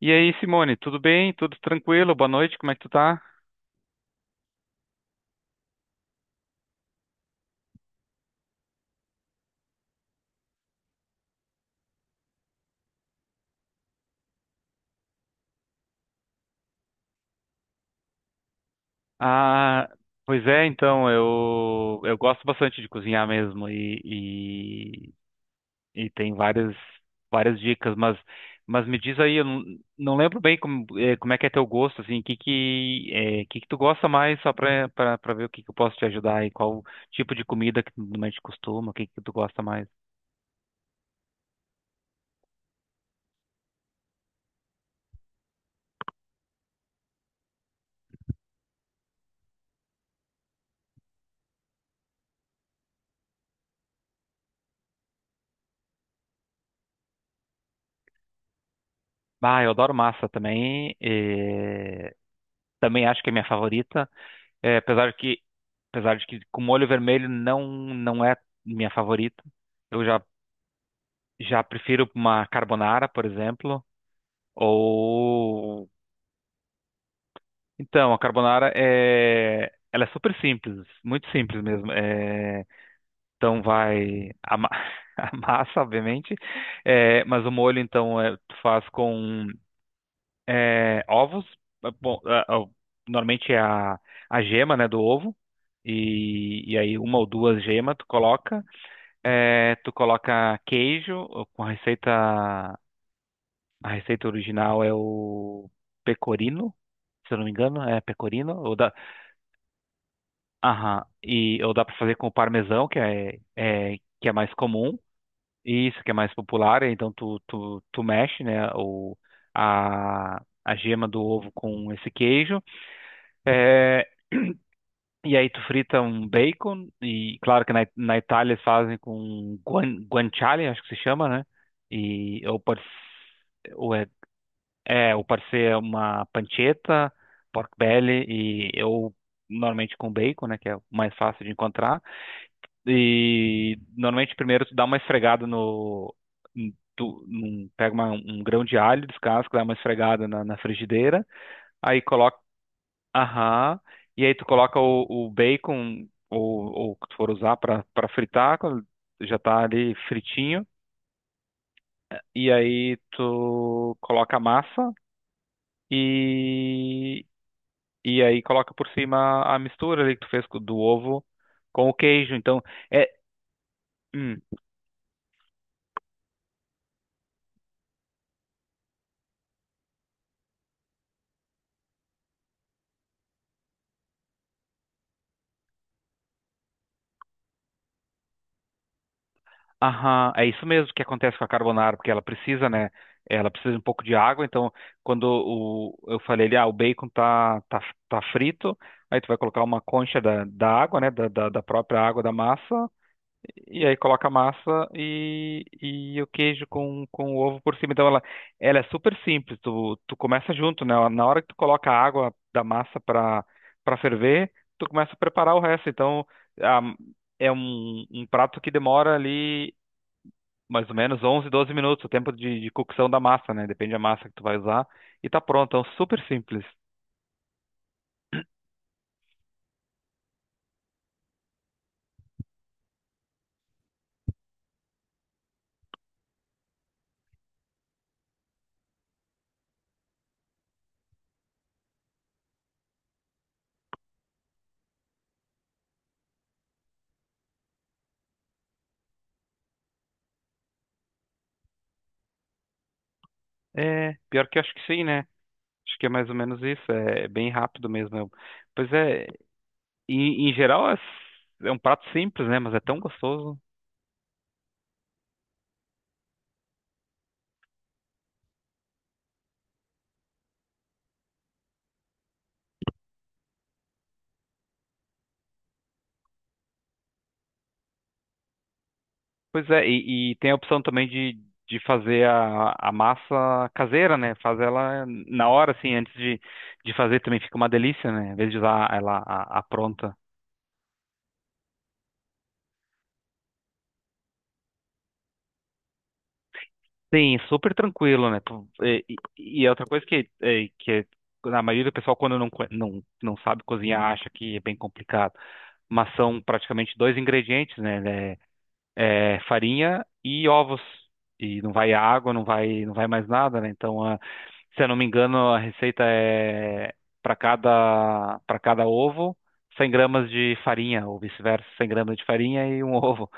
E aí, Simone, tudo bem? Tudo tranquilo? Boa noite, como é que tu tá? Ah, pois é, então, eu gosto bastante de cozinhar mesmo e tem várias dicas, mas me diz aí, eu não lembro bem como, como é que é teu gosto, assim, que, que tu gosta mais, só pra ver o que que eu posso te ajudar e qual tipo de comida que tu normalmente costuma, o que que tu gosta mais. Ah, eu adoro massa também, também acho que é minha favorita. É, apesar que, apesar de que com molho vermelho não é minha favorita. Eu já prefiro uma carbonara, por exemplo, ou então a carbonara ela é super simples, muito simples mesmo. É, então vai a massa, obviamente, é, mas o molho então é, tu faz com é, ovos, é, bom, normalmente é a gema, né, do ovo. E aí uma ou duas gemas tu coloca. É, tu coloca queijo ou com a receita. A receita original é o pecorino, se eu não me engano, é pecorino. Ou dá. Aham. E, ou dá para fazer com parmesão, que que é mais comum. E isso, que é mais popular. Então tu mexe, né, a gema do ovo com esse queijo. É. E aí tu frita um bacon, e claro que na Itália eles fazem com guanciale, acho que se chama, né? E ou pode s- ou é, é, ou pode ser uma pancetta, pork belly e eu normalmente com bacon, né, que é o mais fácil de encontrar. E normalmente primeiro tu dá uma esfregada no em- tu num- Pega um grão de alho, descasca, dá uma esfregada na frigideira. Aí coloca. Aham. E aí tu coloca o bacon ou o que tu for usar para fritar, quando já tá ali fritinho. E aí tu coloca a massa e e aí coloca por cima a mistura ali que tu fez do ovo com o queijo. Então é. hum, Aham, é isso mesmo que acontece com a carbonara, porque ela precisa, né? Ela precisa de um pouco de água, então quando eu falei ali, o bacon tá frito, aí tu vai colocar uma concha da água, né? Da própria água da massa, e aí coloca a massa e o queijo com o ovo por cima. Então ela é super simples, tu começa junto, né? Na hora que tu coloca a água da massa para ferver, tu começa a preparar o resto. Então, a, é um prato que demora ali mais ou menos 11, 12 minutos, o tempo de cocção da massa, né? Depende da massa que tu vai usar. E tá pronto, é um super simples. É, pior que eu acho que sim, né? Acho que é mais ou menos isso, é bem rápido mesmo. Pois é, em geral é, é um prato simples, né? Mas é tão gostoso. Pois é, e tem a opção também de fazer a massa caseira, né? Faz ela na hora, assim, antes de fazer também fica uma delícia, né? Em vez de usar ela a pronta. Sim, super tranquilo, né? Pô. E é outra coisa que, que a maioria do pessoal, quando não sabe cozinhar, acha que é bem complicado. Mas são praticamente dois ingredientes, né? É, farinha e ovos. E não vai água, não vai mais nada, né? Então, se eu não me engano, a receita é para cada ovo, 100 gramas de farinha, ou vice-versa, 100 gramas de farinha e um ovo.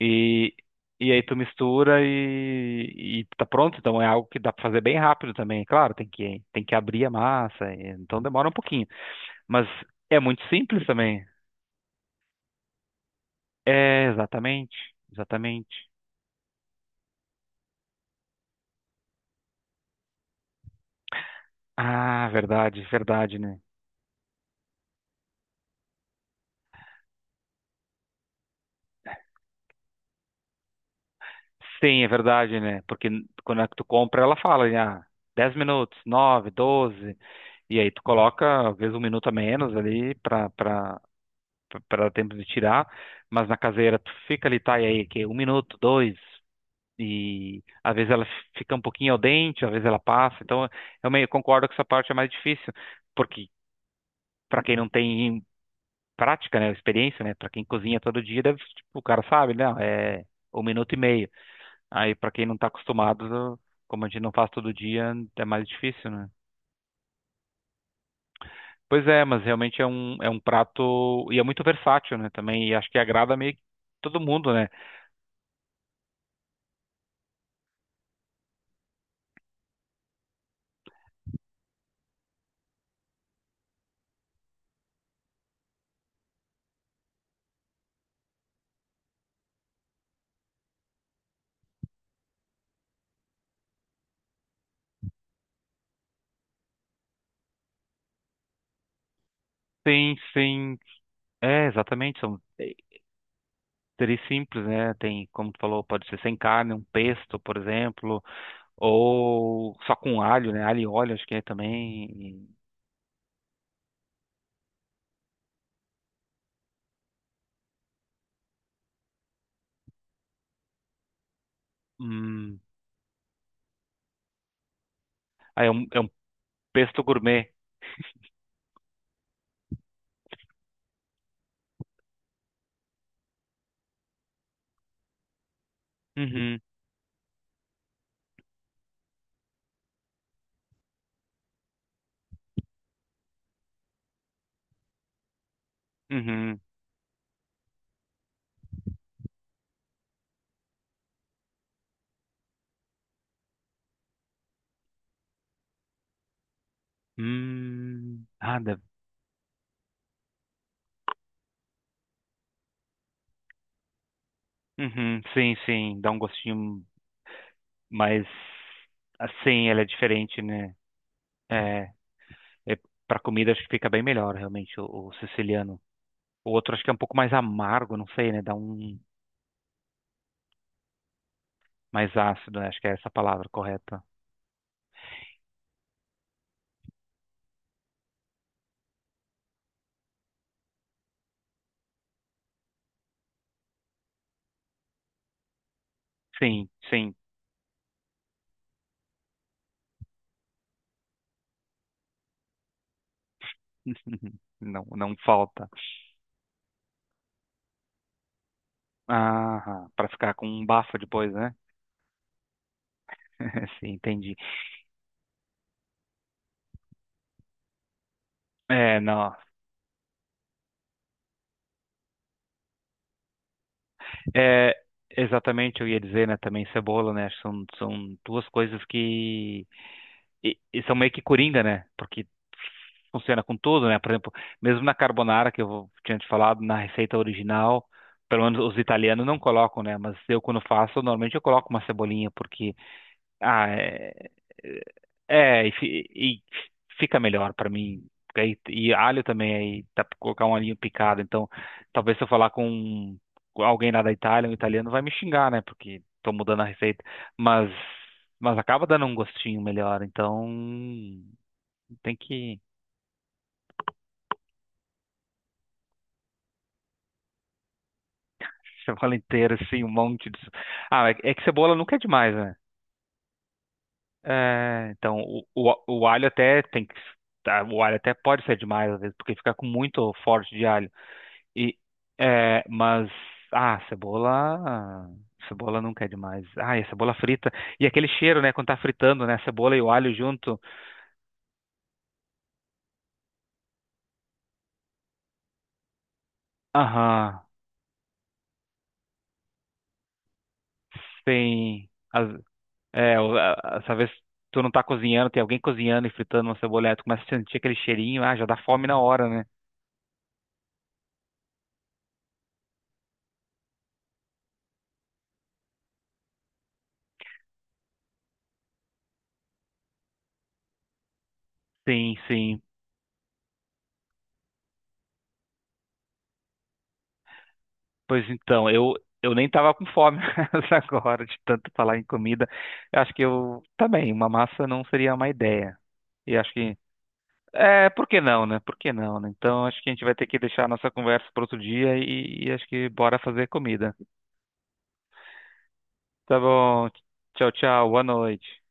E, e aí tu mistura e tá pronto. Então é algo que dá pra fazer bem rápido também. Claro, tem que abrir a massa, então demora um pouquinho. Mas é muito simples também. É, exatamente, exatamente. Ah, verdade, verdade, né? Sim, é verdade, né? Porque quando é que tu compra, ela fala, né, 10 minutos, 9 doze, e aí tu coloca, às vezes, 1 minuto a menos ali pra dar tempo de tirar, mas na caseira tu fica ali, tá, e aí, que 1 minuto, dois. E às vezes ela fica um pouquinho ao dente, às vezes ela passa. Então, eu meio concordo que essa parte é mais difícil, porque para quem não tem prática, né, experiência, né, para quem cozinha todo dia, deve, tipo, o cara sabe, né, "Ah, é 1 minuto e meio." Aí para quem não está acostumado, como a gente não faz todo dia, é mais difícil, né? Pois é, mas realmente é um prato e é muito versátil, né, também, e acho que agrada meio que todo mundo, né? Sim, sim. É, exatamente. Seria simples, né? Tem, como tu falou, pode ser sem carne, um pesto, por exemplo, ou só com alho, né? Alho e óleo, acho que é também. Hum. Ah, é um pesto gourmet. Uhum, uhum. Hum. Ah, deve. Uhum, sim, sim. Dá um gostinho mais assim, ela é diferente, né? É, é para comida acho que fica bem melhor, realmente, o siciliano. O outro acho que é um pouco mais amargo, não sei, né? Dá um mais ácido, né? Acho que é essa a palavra correta. Sim, sim. Não, não falta. Ah, para ficar com um bafo depois, né? Sim, entendi. É, não. É, exatamente, eu ia dizer, né, também cebola, né? São duas coisas que e são meio que coringa, né? Porque funciona com tudo, né? Por exemplo, mesmo na carbonara, que tinha te falado, na receita original, pelo menos os italianos não colocam, né? Mas eu, quando faço, normalmente eu coloco uma cebolinha, porque Ah, é, é, é, e, fi- e fica melhor pra mim. Porque e alho também, aí dá pra colocar um alhinho picado. Então, talvez se eu falar com alguém lá da Itália, um italiano, vai me xingar, né? Porque tô mudando a receita. Mas, mas acaba dando um gostinho melhor. Então, tem que. Cebola inteira, assim, um monte de. Ah, é que cebola nunca é demais, né? É, então, o alho até tem que. Tá, o alho até pode ser demais, às vezes, porque fica com muito forte de alho. E, mas, cebola. Cebola nunca é demais. Ah, e a cebola frita. E aquele cheiro, né? Quando tá fritando, né? A cebola e o alho junto. Aham. Sim. Essa vez tu não tá cozinhando, tem alguém cozinhando e fritando uma cebola, aí tu começa a sentir aquele cheirinho, ah, já dá fome na hora, né? Sim, sim. Pois então, eu nem tava com fome agora de tanto falar em comida. Eu acho que eu também, uma massa não seria uma ideia. E acho que. É, por que não, né? Por que não, né? Então acho que a gente vai ter que deixar a nossa conversa para outro dia e acho que bora fazer comida. Tá bom. Tchau, tchau. Boa noite.